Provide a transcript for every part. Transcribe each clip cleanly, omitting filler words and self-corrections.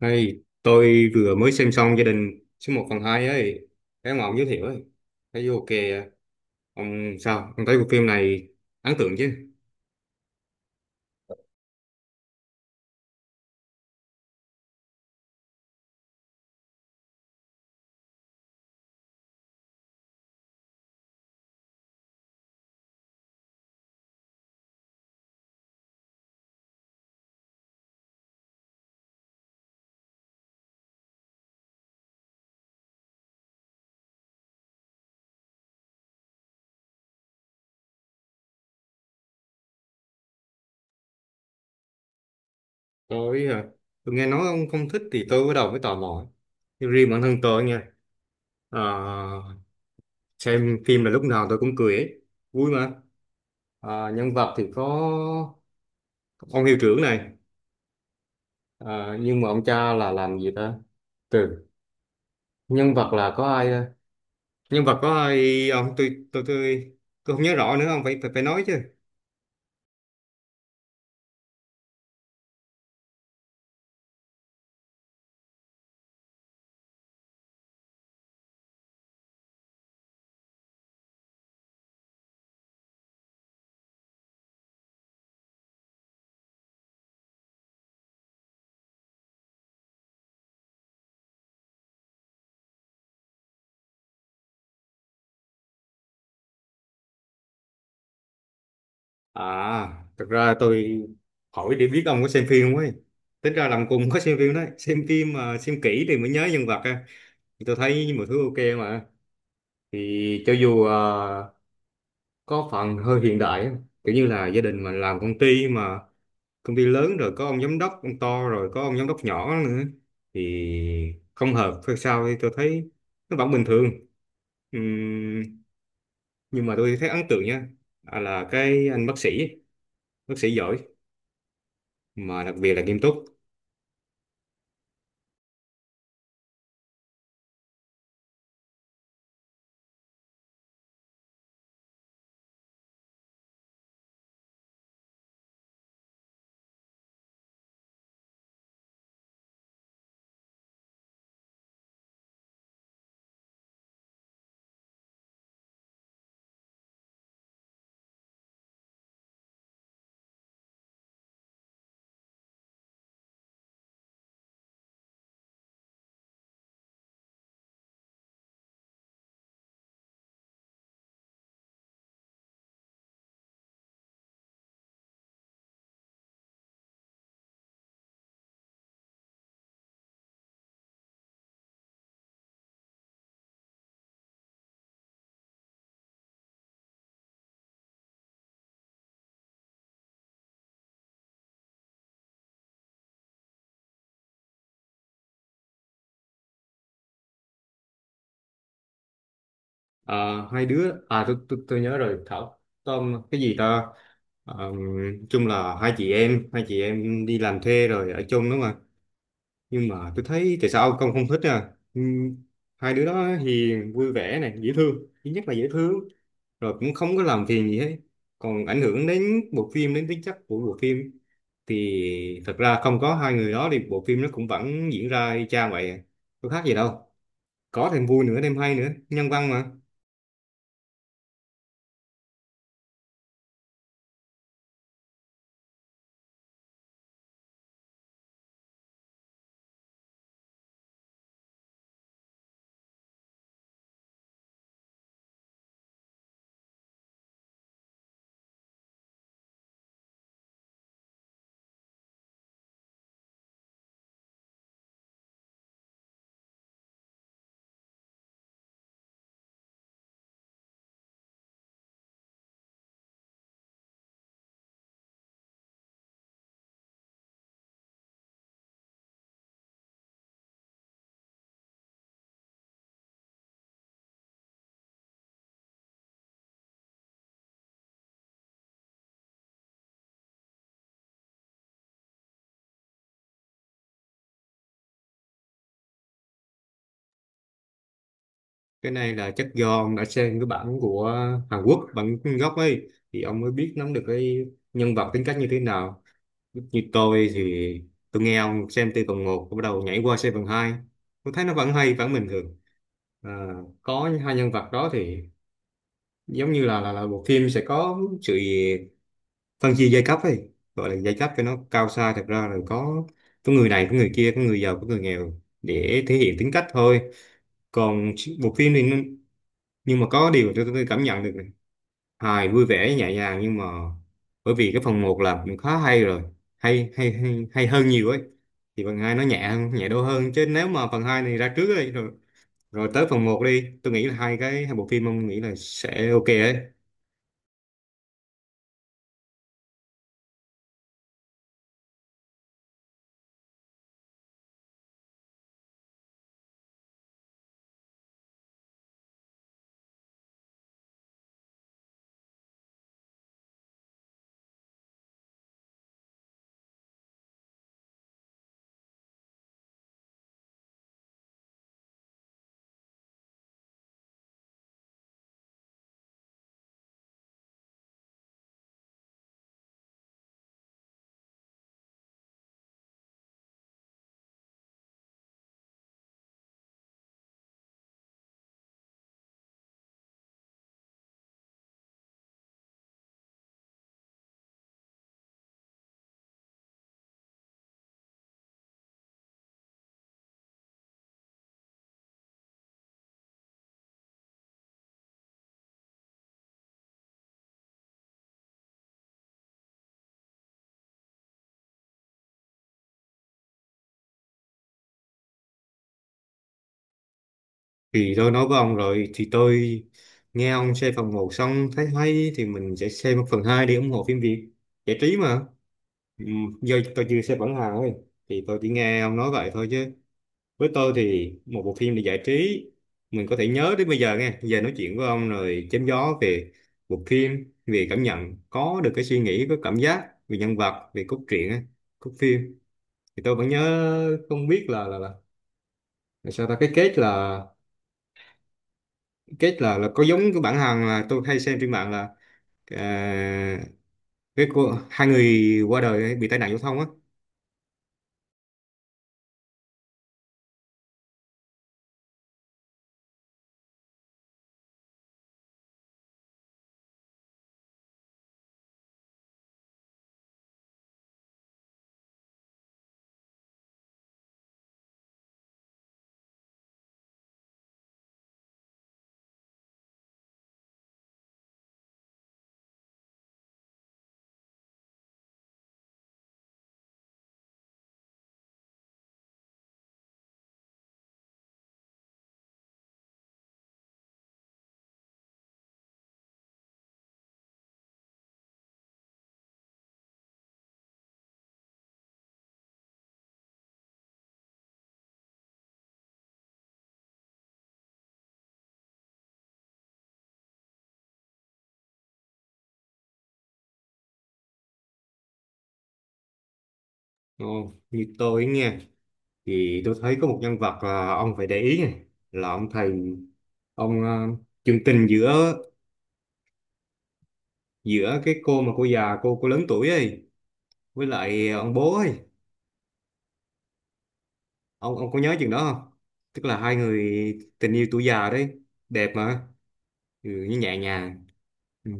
Hey, tôi vừa mới xem xong gia đình số một phần 2 ấy, cái mà ông giới thiệu ấy, thấy vô ok à. Ông sao? Ông thấy bộ phim này ấn tượng chứ? Tôi, tôi nghe nói ông không thích thì tôi bắt đầu mới tò mò. Nhưng riêng bản thân tôi nha, à, xem phim là lúc nào tôi cũng cười ấy, vui mà. À, nhân vật thì có ông hiệu trưởng này, à, nhưng mà ông cha là làm gì ta? Từ nhân vật là có ai? Nhân vật có ai? Ông tôi không nhớ rõ nữa, ông phải phải phải nói chứ. À, thật ra tôi hỏi để biết ông có xem phim không ấy. Tính ra làm cùng có xem phim đấy. Xem phim mà xem kỹ thì mới nhớ nhân vật á. Thì tôi thấy mọi thứ ok mà. Thì cho dù có phần hơi hiện đại á, kiểu như là gia đình mà làm công ty mà công ty lớn rồi có ông giám đốc, ông to rồi có ông giám đốc nhỏ nữa. Thì không hợp hay sao thì tôi thấy nó vẫn bình thường. Ừm, nhưng mà tôi thấy ấn tượng nha. À, là cái anh bác sĩ giỏi mà đặc biệt là nghiêm túc. Ờ, hai đứa à tôi, nhớ rồi, Thảo Tom cái gì ta. Ờ, chung là hai chị em đi làm thuê rồi ở chung đúng không ạ? Nhưng mà tôi thấy tại sao ông không thích à? Hai đứa đó hiền, vui vẻ này, dễ thương. Thứ nhất là dễ thương, rồi cũng không có làm phiền gì hết, còn ảnh hưởng đến bộ phim, đến tính chất của bộ phim thì thật ra không có hai người đó thì bộ phim nó cũng vẫn diễn ra y chang vậy à. Có khác gì đâu, có thêm vui nữa, thêm hay nữa, nhân văn mà. Cái này là chắc do ông đã xem cái bản của Hàn Quốc bản gốc ấy, thì ông mới biết nắm được cái nhân vật tính cách như thế nào. Như tôi thì tôi nghe ông, xem từ phần một bắt đầu nhảy qua xem phần hai, tôi thấy nó vẫn hay, vẫn bình thường. À, có hai nhân vật đó thì giống như là bộ phim sẽ có sự phân chia giai cấp ấy, gọi là giai cấp cho nó cao xa, thật ra là có người này có người kia, có người giàu có người nghèo, để thể hiện tính cách thôi. Còn bộ phim thì, nhưng mà có điều tôi cảm nhận được này, hài vui vẻ nhẹ nhàng. Nhưng mà bởi vì cái phần một là cũng khá hay rồi, hay hơn nhiều ấy, thì phần 2 nó nhẹ hơn, nhẹ đô hơn. Chứ nếu mà phần 2 này ra trước ấy, rồi rồi tới phần một đi, tôi nghĩ là hai cái, hai bộ phim ông nghĩ là sẽ ok ấy. Thì tôi nói với ông rồi, thì tôi nghe ông xem phần một xong thấy hay thì mình sẽ xem phần 2 để ủng hộ phim Việt, giải trí mà. Ừ, giờ tôi chưa xem bản hàng ấy, thì tôi chỉ nghe ông nói vậy thôi chứ. Với tôi thì một bộ phim để giải trí, mình có thể nhớ đến bây giờ, nghe giờ nói chuyện với ông rồi chém gió về bộ phim, về cảm nhận, có được cái suy nghĩ, có cảm giác về nhân vật, về cốt truyện á, cốt phim, thì tôi vẫn nhớ. Không biết là sao ta, cái kết là, kết là có giống cái bản Hàn là tôi hay xem trên mạng là, à, cái cô hai người qua đời bị tai nạn giao thông á. Ồ, như tôi nghe thì tôi thấy có một nhân vật, à, ông phải để ý này, là ông thầy, ông à, chương tình giữa, giữa cái cô mà cô già, cô lớn tuổi ấy, với lại ông bố ấy, ông có nhớ chừng đó không, tức là hai người tình yêu tuổi già đấy, đẹp mà. Ừ, như nhẹ nhàng. Ừ.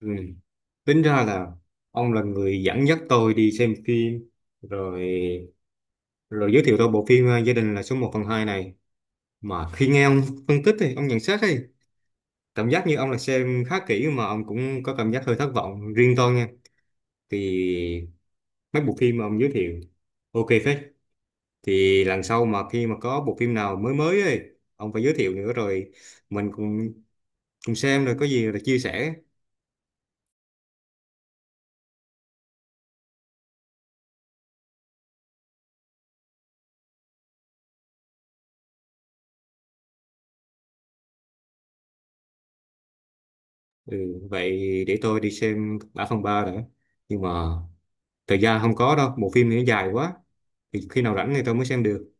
Ừ. Tính ra là ông là người dẫn dắt tôi đi xem phim, rồi rồi giới thiệu tôi bộ phim à, gia đình là số một phần 2 này. Mà khi nghe ông phân tích thì ông nhận xét ấy, cảm giác như ông là xem khá kỹ mà ông cũng có cảm giác hơi thất vọng. Riêng tôi nha, thì mấy bộ phim mà ông giới thiệu ok phết, thì lần sau mà khi mà có bộ phim nào mới mới ấy, ông phải giới thiệu nữa rồi mình cùng cùng xem, rồi có gì là chia sẻ. Ừ, vậy để tôi đi xem đã, phần 3 đã. Nhưng mà thời gian không có đâu, bộ phim thì nó dài quá, thì khi nào rảnh thì tôi mới xem được.